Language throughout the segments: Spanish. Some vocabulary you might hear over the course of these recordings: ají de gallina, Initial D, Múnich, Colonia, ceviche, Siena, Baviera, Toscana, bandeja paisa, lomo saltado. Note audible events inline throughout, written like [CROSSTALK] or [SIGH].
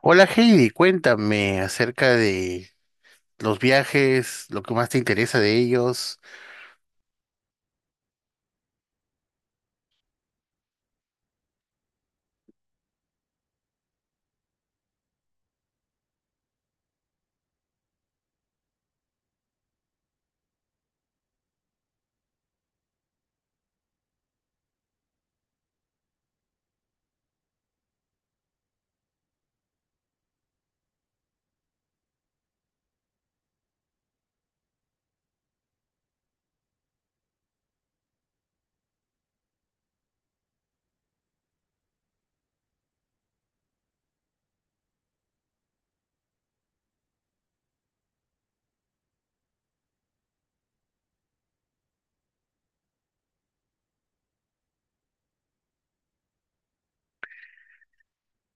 Hola Heidi, cuéntame acerca de los viajes, lo que más te interesa de ellos.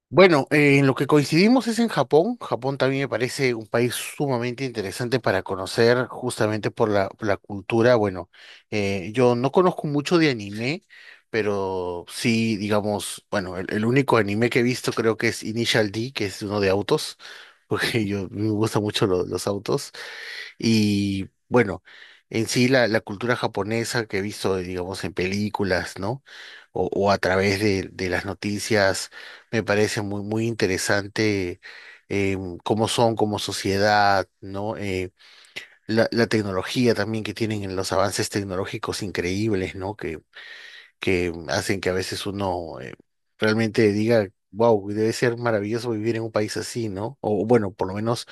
Bueno, en lo que coincidimos es en Japón. Japón también me parece un país sumamente interesante para conocer justamente por por la cultura. Bueno, yo no conozco mucho de anime, pero sí, digamos, bueno, el único anime que he visto creo que es Initial D, que es uno de autos, [LAUGHS] porque yo me gustan mucho los autos. Y bueno, en sí la cultura japonesa que he visto, digamos, en películas, ¿no? O a través de las noticias, me parece muy, muy interesante eh, cómo son como sociedad, ¿no? La tecnología también que tienen, en los avances tecnológicos increíbles, ¿no? Que hacen que a veces uno realmente diga, wow, debe ser maravilloso vivir en un país así, ¿no? O bueno, por lo menos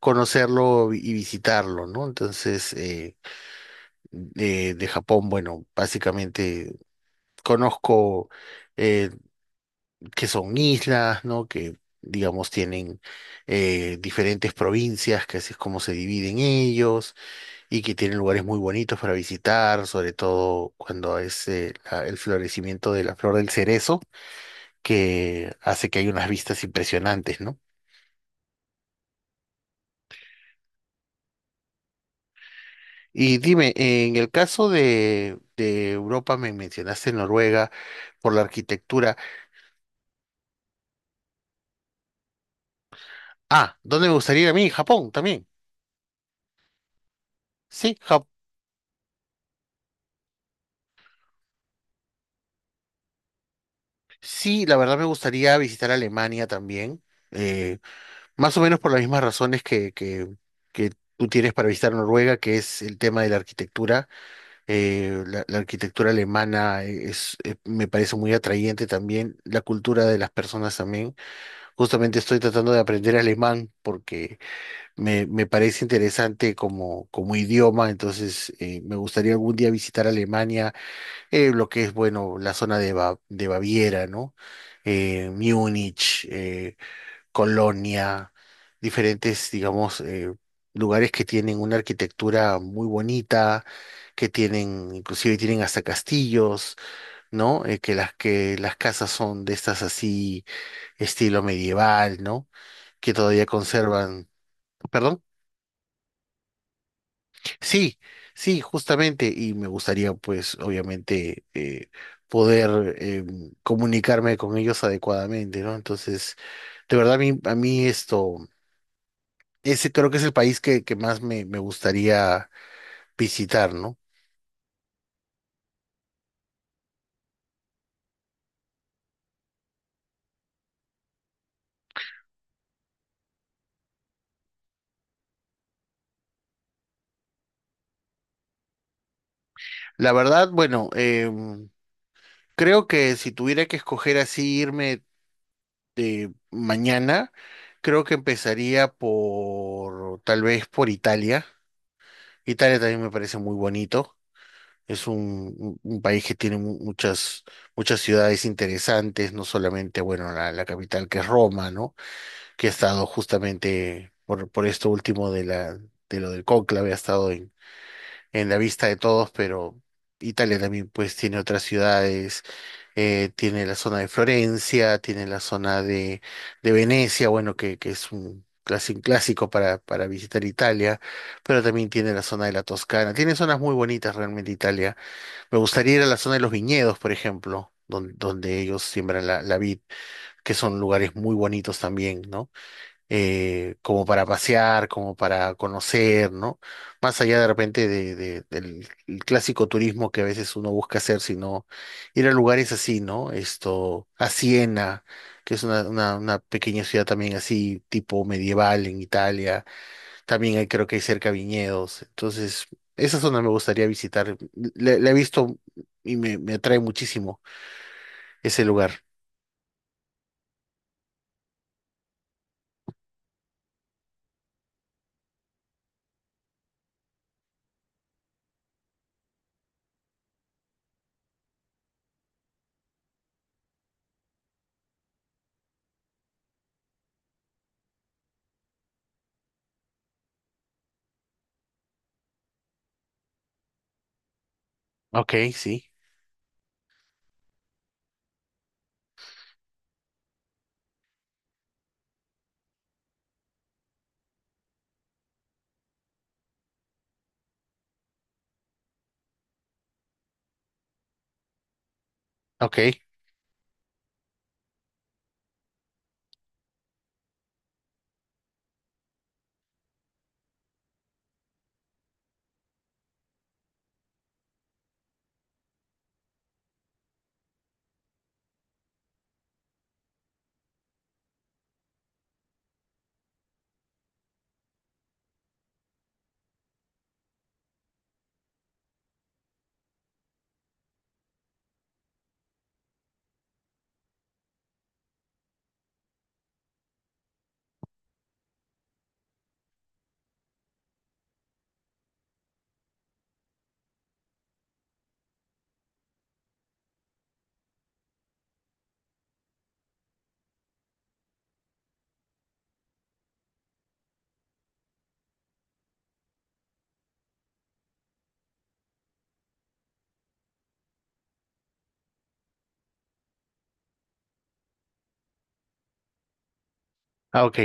conocerlo y visitarlo, ¿no? Entonces, de Japón, bueno, básicamente conozco eh, que son islas, ¿no? Que, digamos, tienen diferentes provincias, que así es como se dividen ellos, y que tienen lugares muy bonitos para visitar, sobre todo cuando es el florecimiento de la flor del cerezo, que hace que hay unas vistas impresionantes, ¿no? Y dime, en el caso de Europa me mencionaste Noruega por la arquitectura. Ah, ¿dónde me gustaría ir a mí? Japón también. Sí, sí, la verdad me gustaría visitar Alemania también. Eh, más o menos por las mismas razones que tú tienes para visitar Noruega, que es el tema de la arquitectura. Eh, la arquitectura alemana es, me parece muy atrayente también, la cultura de las personas también. Justamente estoy tratando de aprender alemán porque me parece interesante como, como idioma, entonces me gustaría algún día visitar Alemania, lo que es, bueno, la zona de, de Baviera, ¿no? Múnich, Colonia, diferentes, digamos, lugares que tienen una arquitectura muy bonita, que tienen, inclusive tienen hasta castillos, ¿no? Que las casas son de estas así, estilo medieval, ¿no? Que todavía conservan. ¿Perdón? Sí, sí, justamente, y me gustaría, pues, obviamente, poder comunicarme con ellos adecuadamente, ¿no? Entonces, de verdad, a mí esto, ese creo que es el país que más me gustaría visitar, ¿no? La verdad, bueno, creo que si tuviera que escoger así irme de mañana, creo que empezaría por, tal vez por Italia. Italia también me parece muy bonito. Es un, un país que tiene muchas, muchas ciudades interesantes, no solamente, bueno, la capital que es Roma, ¿no? Que ha estado justamente por esto último de la, de lo del cónclave, ha estado en la vista de todos, pero Italia también pues tiene otras ciudades, tiene la zona de Florencia, tiene la zona de Venecia, bueno, que es un clásico para visitar Italia, pero también tiene la zona de la Toscana, tiene zonas muy bonitas realmente. Italia me gustaría ir a la zona de los viñedos, por ejemplo, donde, donde ellos siembran la vid, que son lugares muy bonitos también, ¿no? Como para pasear, como para conocer, ¿no? Más allá de repente de, del el clásico turismo que a veces uno busca hacer, sino ir a lugares así, ¿no? Esto, a Siena, que es una pequeña ciudad también así, tipo medieval en Italia también creo que hay cerca viñedos. Entonces, esa zona me gustaría visitar. La he visto y me atrae muchísimo ese lugar. Ok, sí. Ok. Ah, ok.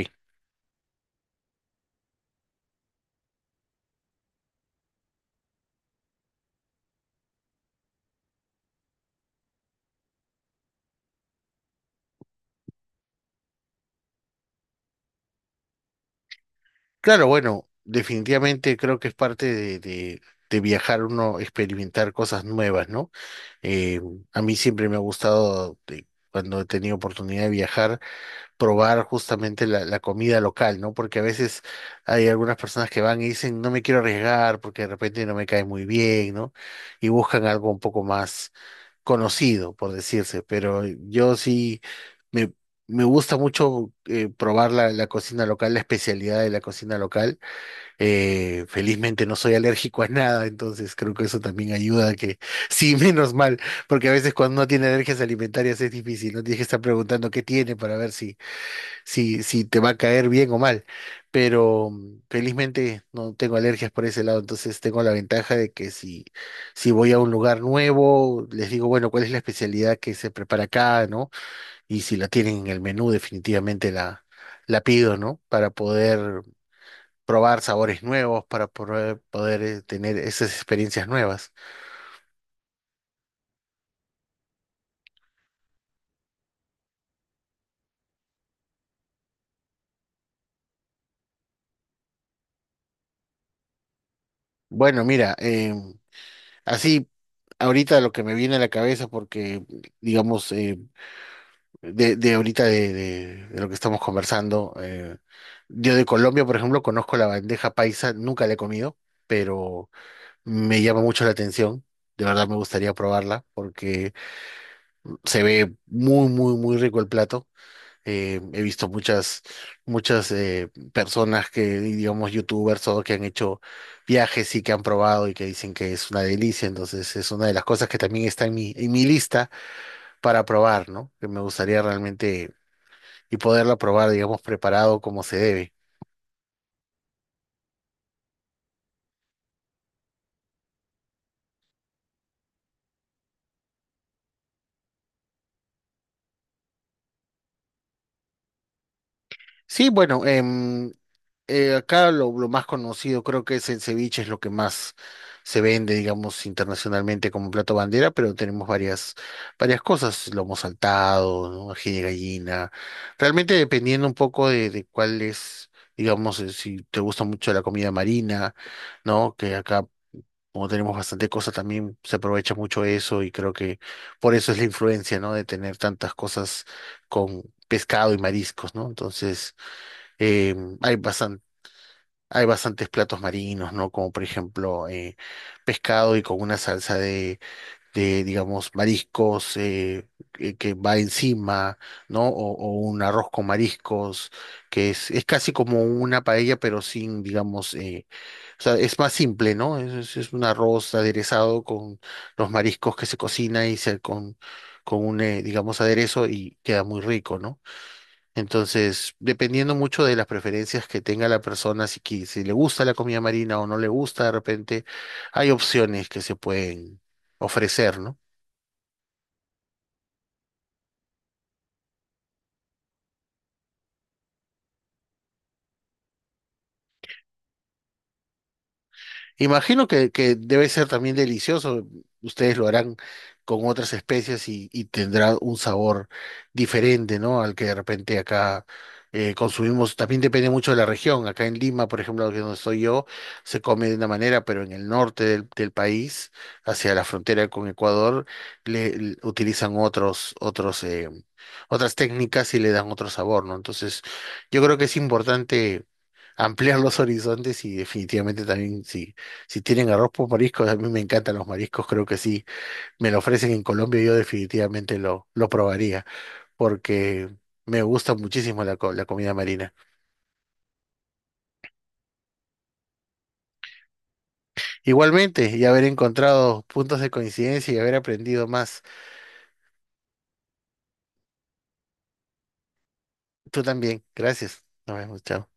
Claro, bueno, definitivamente creo que es parte de de viajar uno, experimentar cosas nuevas, ¿no? Eh, a mí siempre me ha gustado, cuando he tenido oportunidad de viajar, probar justamente la comida local, ¿no? Porque a veces hay algunas personas que van y dicen, no me quiero arriesgar porque de repente no me cae muy bien, ¿no? Y buscan algo un poco más conocido, por decirse, pero yo sí me... Me gusta mucho probar la cocina local, la especialidad de la cocina local. Felizmente no soy alérgico a nada, entonces creo que eso también ayuda a que, [LAUGHS] sí, menos mal, porque a veces cuando uno tiene alergias alimentarias es difícil, no tienes que estar preguntando qué tiene para ver si, si te va a caer bien o mal. Pero felizmente no tengo alergias por ese lado, entonces tengo la ventaja de que si, si voy a un lugar nuevo, les digo, bueno, ¿cuál es la especialidad que se prepara acá, ¿no? Y si la tienen en el menú, definitivamente la pido, ¿no? Para poder probar sabores nuevos, para poder, poder tener esas experiencias nuevas. Bueno, mira, así ahorita lo que me viene a la cabeza, porque digamos, de ahorita de, de lo que estamos conversando. Eh, yo de Colombia, por ejemplo, conozco la bandeja paisa, nunca la he comido, pero me llama mucho la atención. De verdad me gustaría probarla porque se ve muy, muy, muy rico el plato. He visto muchas, muchas personas que, digamos, youtubers o que han hecho viajes y que han probado y que dicen que es una delicia. Entonces es una de las cosas que también está en mi lista para probar, ¿no? Que me gustaría realmente y poderla probar, digamos, preparado como se debe. Sí, bueno, acá lo más conocido creo que es el ceviche, es lo que más se vende, digamos, internacionalmente como plato bandera, pero tenemos varias, varias cosas, lomo saltado, ¿no? Ají de gallina, realmente dependiendo un poco de cuál es, digamos, si te gusta mucho la comida marina, ¿no? Que acá como tenemos bastante cosas, también se aprovecha mucho eso y creo que por eso es la influencia, ¿no? De tener tantas cosas con pescado y mariscos, ¿no? Entonces, eh, hay bastan- hay bastantes platos marinos, ¿no? Como por ejemplo, pescado y con una salsa de digamos, mariscos que va encima, ¿no? O un arroz con mariscos, que es casi como una paella, pero sin, digamos, o sea, es más simple, ¿no? Es, es un arroz aderezado con los mariscos que se cocina y se con un, digamos, aderezo y queda muy rico, ¿no? Entonces, dependiendo mucho de las preferencias que tenga la persona, si, si le gusta la comida marina o no le gusta, de repente, hay opciones que se pueden ofrecer, ¿no? Imagino que debe ser también delicioso. Ustedes lo harán con otras especies y tendrá un sabor diferente, ¿no? Al que de repente acá consumimos. También depende mucho de la región. Acá en Lima, por ejemplo, que es donde estoy yo, se come de una manera, pero en el norte del, del país, hacia la frontera con Ecuador, le utilizan otros, otras técnicas y le dan otro sabor, ¿no? Entonces, yo creo que es importante ampliar los [LAUGHS] horizontes y definitivamente también sí si tienen arroz por mariscos, a mí me encantan los mariscos, creo que sí. Me lo ofrecen en Colombia, yo definitivamente lo probaría, porque me gusta muchísimo la comida marina. Igualmente, y haber encontrado puntos de coincidencia y haber aprendido más. Tú también, gracias. Nos vemos, chao.